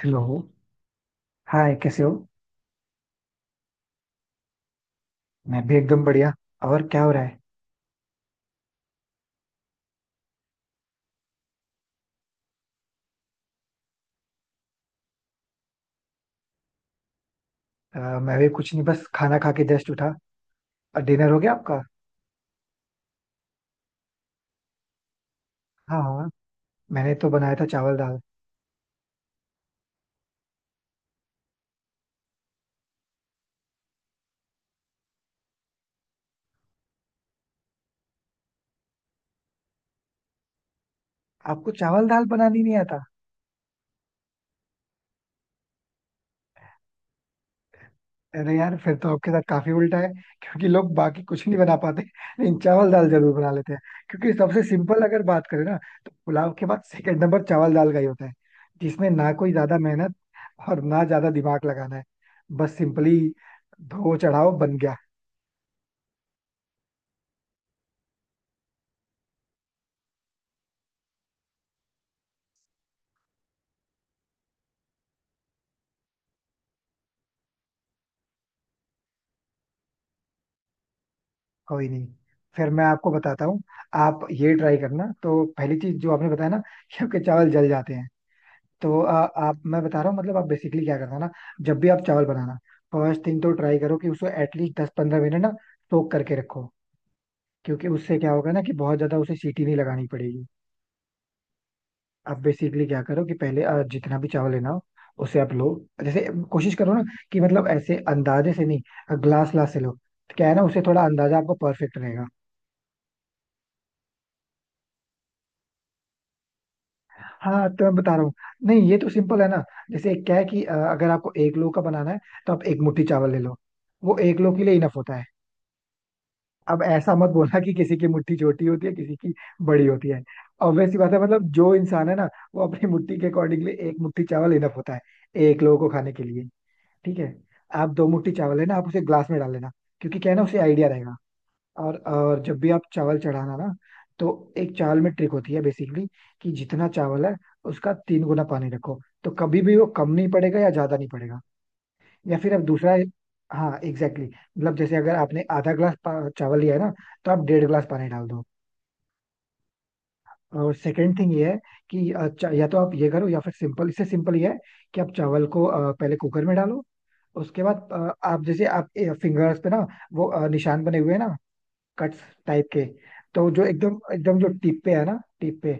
Hello. Hi, कैसे हो? मैं भी एकदम बढ़िया. और क्या हो रहा है? मैं भी कुछ नहीं, बस खाना खा के जस्ट उठा. डिनर हो गया आपका? हाँ हाँ, मैंने तो बनाया था चावल दाल. आपको चावल दाल बनानी नहीं आता? अरे यार, फिर तो आपके साथ काफी उल्टा है क्योंकि लोग बाकी कुछ नहीं बना पाते लेकिन चावल दाल जरूर बना लेते हैं. क्योंकि सबसे सिंपल अगर बात करें ना, तो पुलाव के बाद सेकंड नंबर चावल दाल का ही होता है, जिसमें ना कोई ज्यादा मेहनत और ना ज्यादा दिमाग लगाना है. बस सिंपली धो चढ़ाओ, बन गया. कोई नहीं, फिर मैं आपको बताता हूँ. आप ये ट्राई करना. तो पहली चीज जो आपने बताया ना, कि आपके चावल जल जाते हैं, तो आप, मैं बता रहा हूँ, मतलब आप बेसिकली क्या करना ना, जब भी आप चावल बनाना, फर्स्ट थिंग तो ट्राई करो कि उसको एटलीस्ट दस पंद्रह मिनट ना सोक करके रखो. क्योंकि उससे क्या होगा ना, कि बहुत ज्यादा उसे सीटी नहीं लगानी पड़ेगी. आप बेसिकली क्या करो कि पहले जितना भी चावल लेना हो, उसे आप लो. जैसे कोशिश करो ना कि मतलब ऐसे अंदाजे से नहीं, ग्लास ग्लास से लो, तो क्या है ना उसे थोड़ा अंदाजा, आपको परफेक्ट रहेगा. हाँ तो मैं बता रहा हूँ, नहीं ये तो सिंपल है ना. जैसे क्या है कि अगर आपको एक लो का बनाना है, तो आप एक मुट्ठी चावल ले लो. वो एक लो के लिए इनफ होता है. अब ऐसा मत बोलना कि किसी की मुट्ठी छोटी होती है किसी की बड़ी होती है. ऑब्वियस सी बात है, मतलब जो इंसान है ना, वो अपनी मुट्ठी के अकॉर्डिंगली एक मुट्ठी चावल इनफ होता है एक लोगों को खाने के लिए. ठीक है, आप दो मुट्ठी चावल लेना, आप उसे ग्लास में डाल लेना, क्योंकि क्या है ना उसे आइडिया रहेगा. और जब भी आप चावल चढ़ाना ना, तो एक चावल में ट्रिक होती है बेसिकली, कि जितना चावल है उसका तीन गुना पानी रखो, तो कभी भी वो कम नहीं पड़ेगा या ज्यादा नहीं पड़ेगा. या फिर आप दूसरा, हाँ एग्जैक्टली exactly. मतलब जैसे अगर आपने आधा ग्लास चावल लिया है ना, तो आप डेढ़ ग्लास पानी डाल दो. और सेकंड थिंग ये है कि या तो आप ये करो, या फिर सिंपल, इससे सिंपल ये है कि आप चावल को पहले कुकर में डालो, उसके बाद आप जैसे आप फिंगर्स पे ना वो निशान बने हुए हैं ना, कट्स टाइप के, तो जो एकदम एकदम जो टिप पे है ना, टिप पे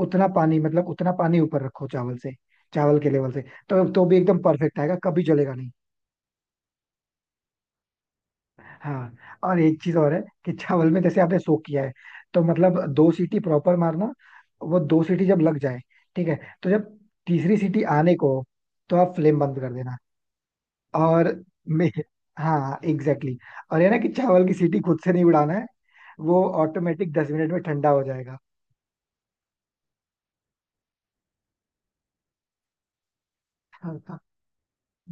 उतना पानी, मतलब उतना पानी ऊपर रखो चावल से, चावल के लेवल से, तो भी एकदम परफेक्ट आएगा, कभी जलेगा नहीं. हाँ, और एक चीज और है कि चावल में जैसे आपने सोक किया है, तो मतलब दो सीटी प्रॉपर मारना. वो दो सीटी जब लग जाए, ठीक है, तो जब तीसरी सीटी आने को हो, तो आप फ्लेम बंद कर देना. और मे हाँ एग्जैक्टली exactly. और ये ना कि चावल की सीटी खुद से नहीं उड़ाना है, वो ऑटोमेटिक दस मिनट में ठंडा हो जाएगा. हाँ,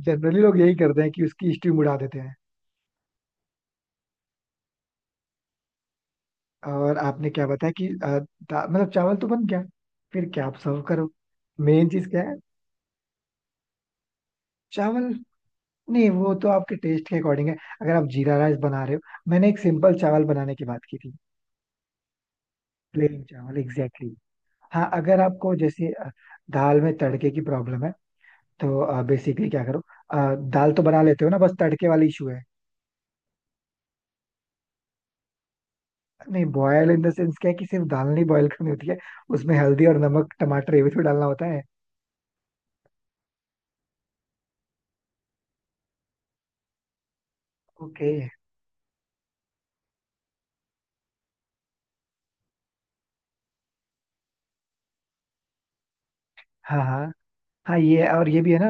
जनरली लोग यही करते हैं कि उसकी स्टीम उड़ा देते हैं. और आपने क्या बताया कि मतलब चावल तो बन गया, फिर क्या आप सर्व करो. मेन चीज क्या है, चावल. नहीं वो तो आपके टेस्ट के अकॉर्डिंग है. अगर आप जीरा राइस बना रहे हो, मैंने एक सिंपल चावल बनाने की बात की थी. प्लेन चावल एग्जैक्टली exactly. हाँ, अगर आपको जैसे दाल में तड़के की प्रॉब्लम है, तो बेसिकली क्या करो, दाल तो बना लेते हो ना, बस तड़के वाली इशू है. नहीं, बॉयल इन द सेंस क्या है कि सिर्फ दाल नहीं बॉयल करनी होती है, उसमें हल्दी और नमक टमाटर ये भी तो डालना होता है. ओके. हाँ हाँ. हाँ, ये और ये भी है ना,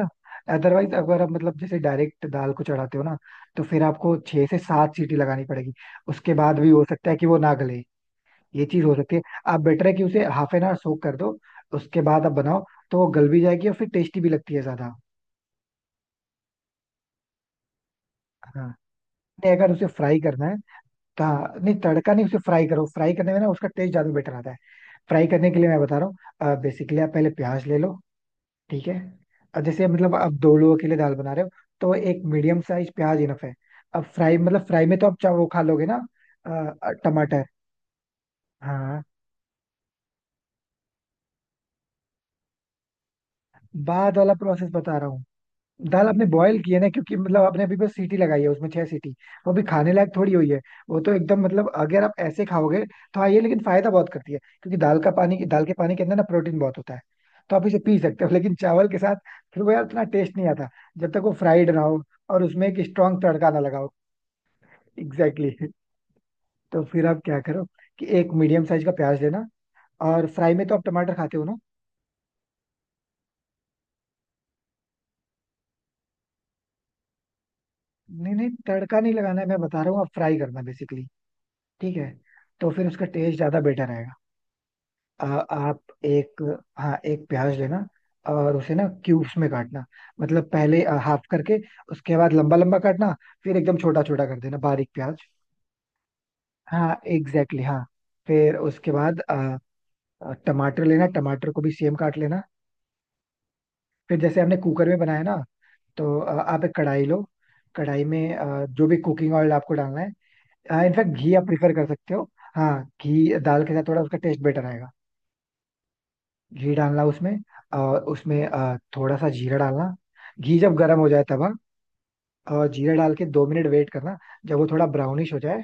अदरवाइज अगर आप मतलब जैसे डायरेक्ट दाल को चढ़ाते हो ना, तो फिर आपको छह से सात सीटी लगानी पड़ेगी, उसके बाद भी हो सकता है कि वो ना गले. ये चीज हो सकती है. आप बेटर है कि उसे हाफ एन आवर सोक कर दो, उसके बाद आप बनाओ, तो वो गल भी जाएगी और फिर टेस्टी भी लगती है ज्यादा. हाँ, नहीं अगर उसे फ्राई करना है तो हाँ, नहीं तड़का नहीं, उसे फ्राई करो. फ्राई करने में ना उसका टेस्ट ज्यादा बेटर आता है. फ्राई करने के लिए मैं बता रहा हूँ, बेसिकली आप पहले प्याज ले लो. ठीक है, अब जैसे मतलब आप दो लोगों के लिए दाल बना रहे हो, तो एक मीडियम साइज प्याज इनफ है. अब फ्राई मतलब फ्राई में तो आप चाहे वो खा लोगे ना. टमाटर, हाँ, बाद वाला प्रोसेस बता रहा हूँ. दाल आपने बॉयल की है ना, क्योंकि मतलब आपने अभी बस सीटी लगाई है उसमें, छह सीटी. वो भी खाने लायक थोड़ी हुई है. वो तो एकदम, मतलब अगर आप ऐसे खाओगे तो हाँ, ये लेकिन फायदा बहुत करती है क्योंकि दाल का पानी, दाल के पानी के अंदर ना प्रोटीन बहुत होता है. तो आप इसे पी सकते हो, लेकिन चावल के साथ फिर वो यार उतना टेस्ट नहीं आता जब तक वो फ्राइड ना हो और उसमें एक स्ट्रांग तड़का ना लगा हो. Exactly exactly. तो फिर आप क्या करो कि एक मीडियम साइज का प्याज लेना. और फ्राई में तो आप टमाटर खाते हो ना? नहीं नहीं, तड़का नहीं लगाना है, मैं बता रहा हूँ आप फ्राई करना बेसिकली. ठीक है, तो फिर उसका टेस्ट ज्यादा बेटर आएगा. आप एक, हाँ, एक प्याज लेना और उसे ना क्यूब्स में काटना. मतलब पहले हाफ करके, उसके बाद लंबा लंबा काटना, फिर एकदम छोटा छोटा कर देना, बारीक प्याज. हाँ एग्जैक्टली exactly, हाँ. फिर उसके बाद टमाटर लेना, टमाटर को भी सेम काट लेना. फिर जैसे हमने कुकर में बनाया ना, तो आप एक कढ़ाई लो. कढ़ाई में जो भी कुकिंग ऑयल आपको डालना है, इनफैक्ट घी आप प्रीफर कर सकते हो. हाँ, घी दाल के साथ थोड़ा उसका टेस्ट बेटर आएगा. घी डालना उसमें, और उसमें थोड़ा सा जीरा डालना. घी जब गर्म हो जाए तब, हाँ, और जीरा डाल के दो मिनट वेट करना. जब वो थोड़ा ब्राउनिश हो जाए,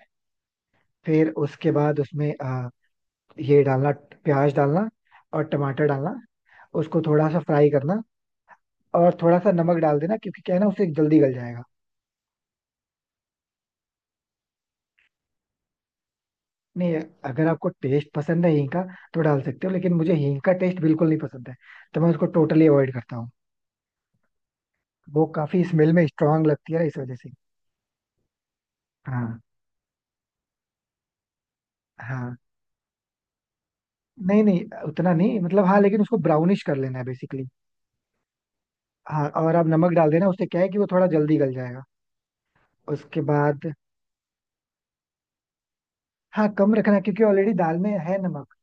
फिर उसके बाद उसमें ये डालना, प्याज डालना और टमाटर डालना. उसको थोड़ा सा फ्राई करना और थोड़ा सा नमक डाल देना, क्योंकि क्या है ना उससे जल्दी गल जाएगा. नहीं, अगर आपको टेस्ट पसंद है हींग का, तो डाल सकते हो, लेकिन मुझे हींग का टेस्ट बिल्कुल नहीं पसंद है, तो मैं उसको टोटली अवॉइड करता हूँ. वो काफी स्मेल में स्ट्रांग लगती है ना, इस वजह से. हाँ हाँ. नहीं नहीं, उतना नहीं, मतलब हाँ, लेकिन उसको ब्राउनिश कर लेना है बेसिकली. हाँ, और आप नमक डाल देना, उससे क्या है कि वो थोड़ा जल्दी गल जाएगा. उसके बाद, हाँ कम रखना क्योंकि ऑलरेडी दाल में है नमक,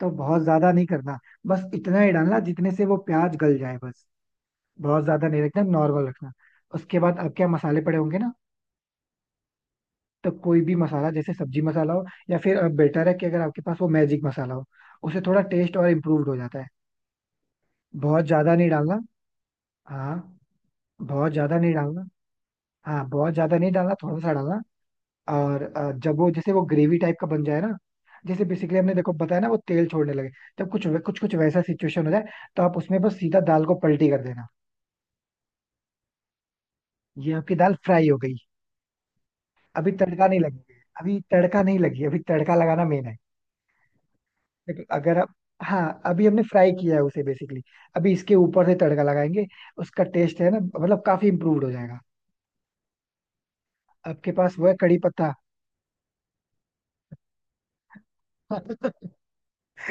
तो बहुत ज्यादा नहीं करना. बस इतना ही डालना जितने से वो प्याज गल जाए, बस. बहुत ज्यादा नहीं रखना, नॉर्मल रखना. उसके बाद आपके यहाँ मसाले पड़े होंगे ना, तो कोई भी मसाला जैसे सब्जी मसाला हो, या फिर बेटर है कि अगर आपके पास वो मैजिक मसाला हो, उसे थोड़ा टेस्ट और इम्प्रूव्ड हो जाता है. बहुत ज्यादा नहीं डालना. हाँ, बहुत ज्यादा नहीं डालना. हाँ, बहुत ज्यादा नहीं डालना, थोड़ा सा डालना. और जब वो जैसे वो ग्रेवी टाइप का बन जाए ना, जैसे बेसिकली हमने देखो बताया ना वो तेल छोड़ने लगे, जब कुछ कुछ कुछ वैसा सिचुएशन हो जाए, तो आप उसमें बस सीधा दाल को पलटी कर देना. ये आपकी दाल फ्राई हो गई. अभी तड़का नहीं लगी, अभी तड़का नहीं लगी. अभी तड़का लगाना मेन है. देखो, अगर आप, हाँ अभी हमने फ्राई किया है उसे बेसिकली, अभी इसके ऊपर से तड़का लगाएंगे, उसका टेस्ट है ना, मतलब काफी इम्प्रूव्ड हो जाएगा. आपके पास वो है, कड़ी पत्ता?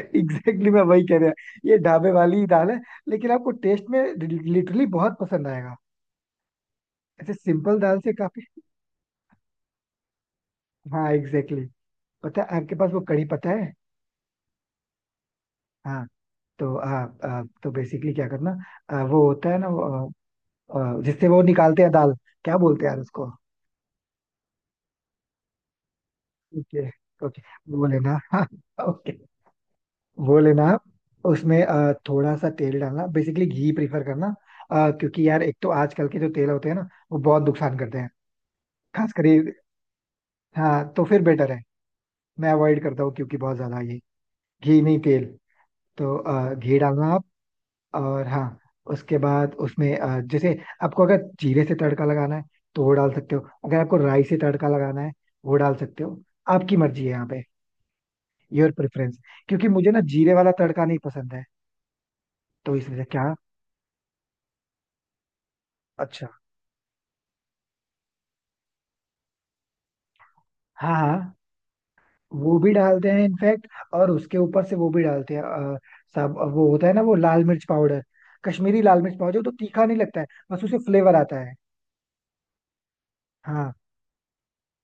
एग्जैक्टली exactly, मैं वही कह रहा. ये ढाबे वाली ही दाल है, लेकिन आपको टेस्ट में लिटरली बहुत पसंद आएगा, ऐसे सिंपल दाल से काफी. हाँ एग्जैक्टली exactly. पता है, आपके पास वो कड़ी पत्ता है? हाँ. तो आ, आ, तो बेसिकली क्या करना, वो होता है ना वो, आ, आ, जिससे वो निकालते हैं दाल, क्या बोलते हैं यार उसको. ओके ओके, वो लेना हाँ, ओके, वो लेना आप, उसमें थोड़ा सा तेल डालना, बेसिकली घी प्रीफर करना. क्योंकि यार एक तो आजकल के जो तेल होते हैं ना वो बहुत नुकसान करते हैं, खासकर ये. हाँ तो फिर बेटर है, मैं अवॉइड करता हूँ क्योंकि बहुत ज्यादा ये घी नहीं तेल. तो घी डालना आप, और हाँ उसके बाद उसमें जैसे आपको अगर जीरे से तड़का लगाना है तो वो डाल सकते हो, अगर आपको राई से तड़का लगाना है वो डाल सकते हो, आपकी मर्जी है यहाँ पे. योर प्रेफरेंस, क्योंकि मुझे ना जीरे वाला तड़का नहीं पसंद है. तो इस वजह क्या. अच्छा. हाँ हाँ, वो भी डालते हैं इनफैक्ट. और उसके ऊपर से वो भी डालते हैं सब, वो होता है ना वो लाल मिर्च पाउडर, कश्मीरी लाल मिर्च पाउडर तो तीखा नहीं लगता है, बस उसे फ्लेवर आता है. हाँ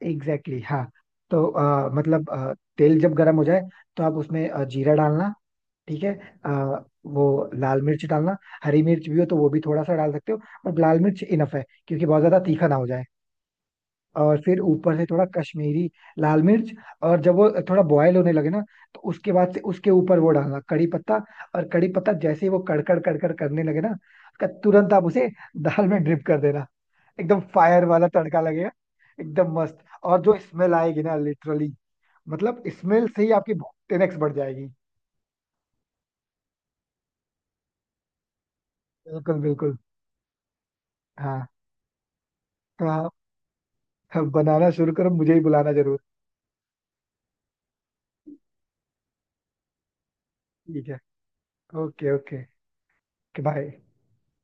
एग्जैक्टली exactly, हाँ. तो मतलब तेल जब गर्म हो जाए, तो आप उसमें जीरा डालना. ठीक है, वो लाल मिर्च डालना, हरी मिर्च भी हो तो वो भी थोड़ा सा डाल सकते हो, बट लाल मिर्च इनफ है क्योंकि बहुत ज्यादा तीखा ना हो जाए. और फिर ऊपर से थोड़ा कश्मीरी लाल मिर्च. और जब वो थोड़ा बॉयल होने लगे ना, तो उसके बाद से उसके ऊपर वो डालना, कड़ी पत्ता. और कड़ी पत्ता जैसे ही वो कड़कड़ कड़कड़ करने लगे ना, उसका तुरंत आप उसे दाल में ड्रिप कर देना. एकदम फायर वाला तड़का लगेगा, एकदम मस्त. और जो स्मेल आएगी ना लिटरली, मतलब स्मेल से ही आपकी भूख 10x बढ़ जाएगी. बिल्कुल बिल्कुल. हाँ, तो आप बनाना शुरू करो, मुझे ही बुलाना जरूर. ठीक है, ओके ओके, बाय.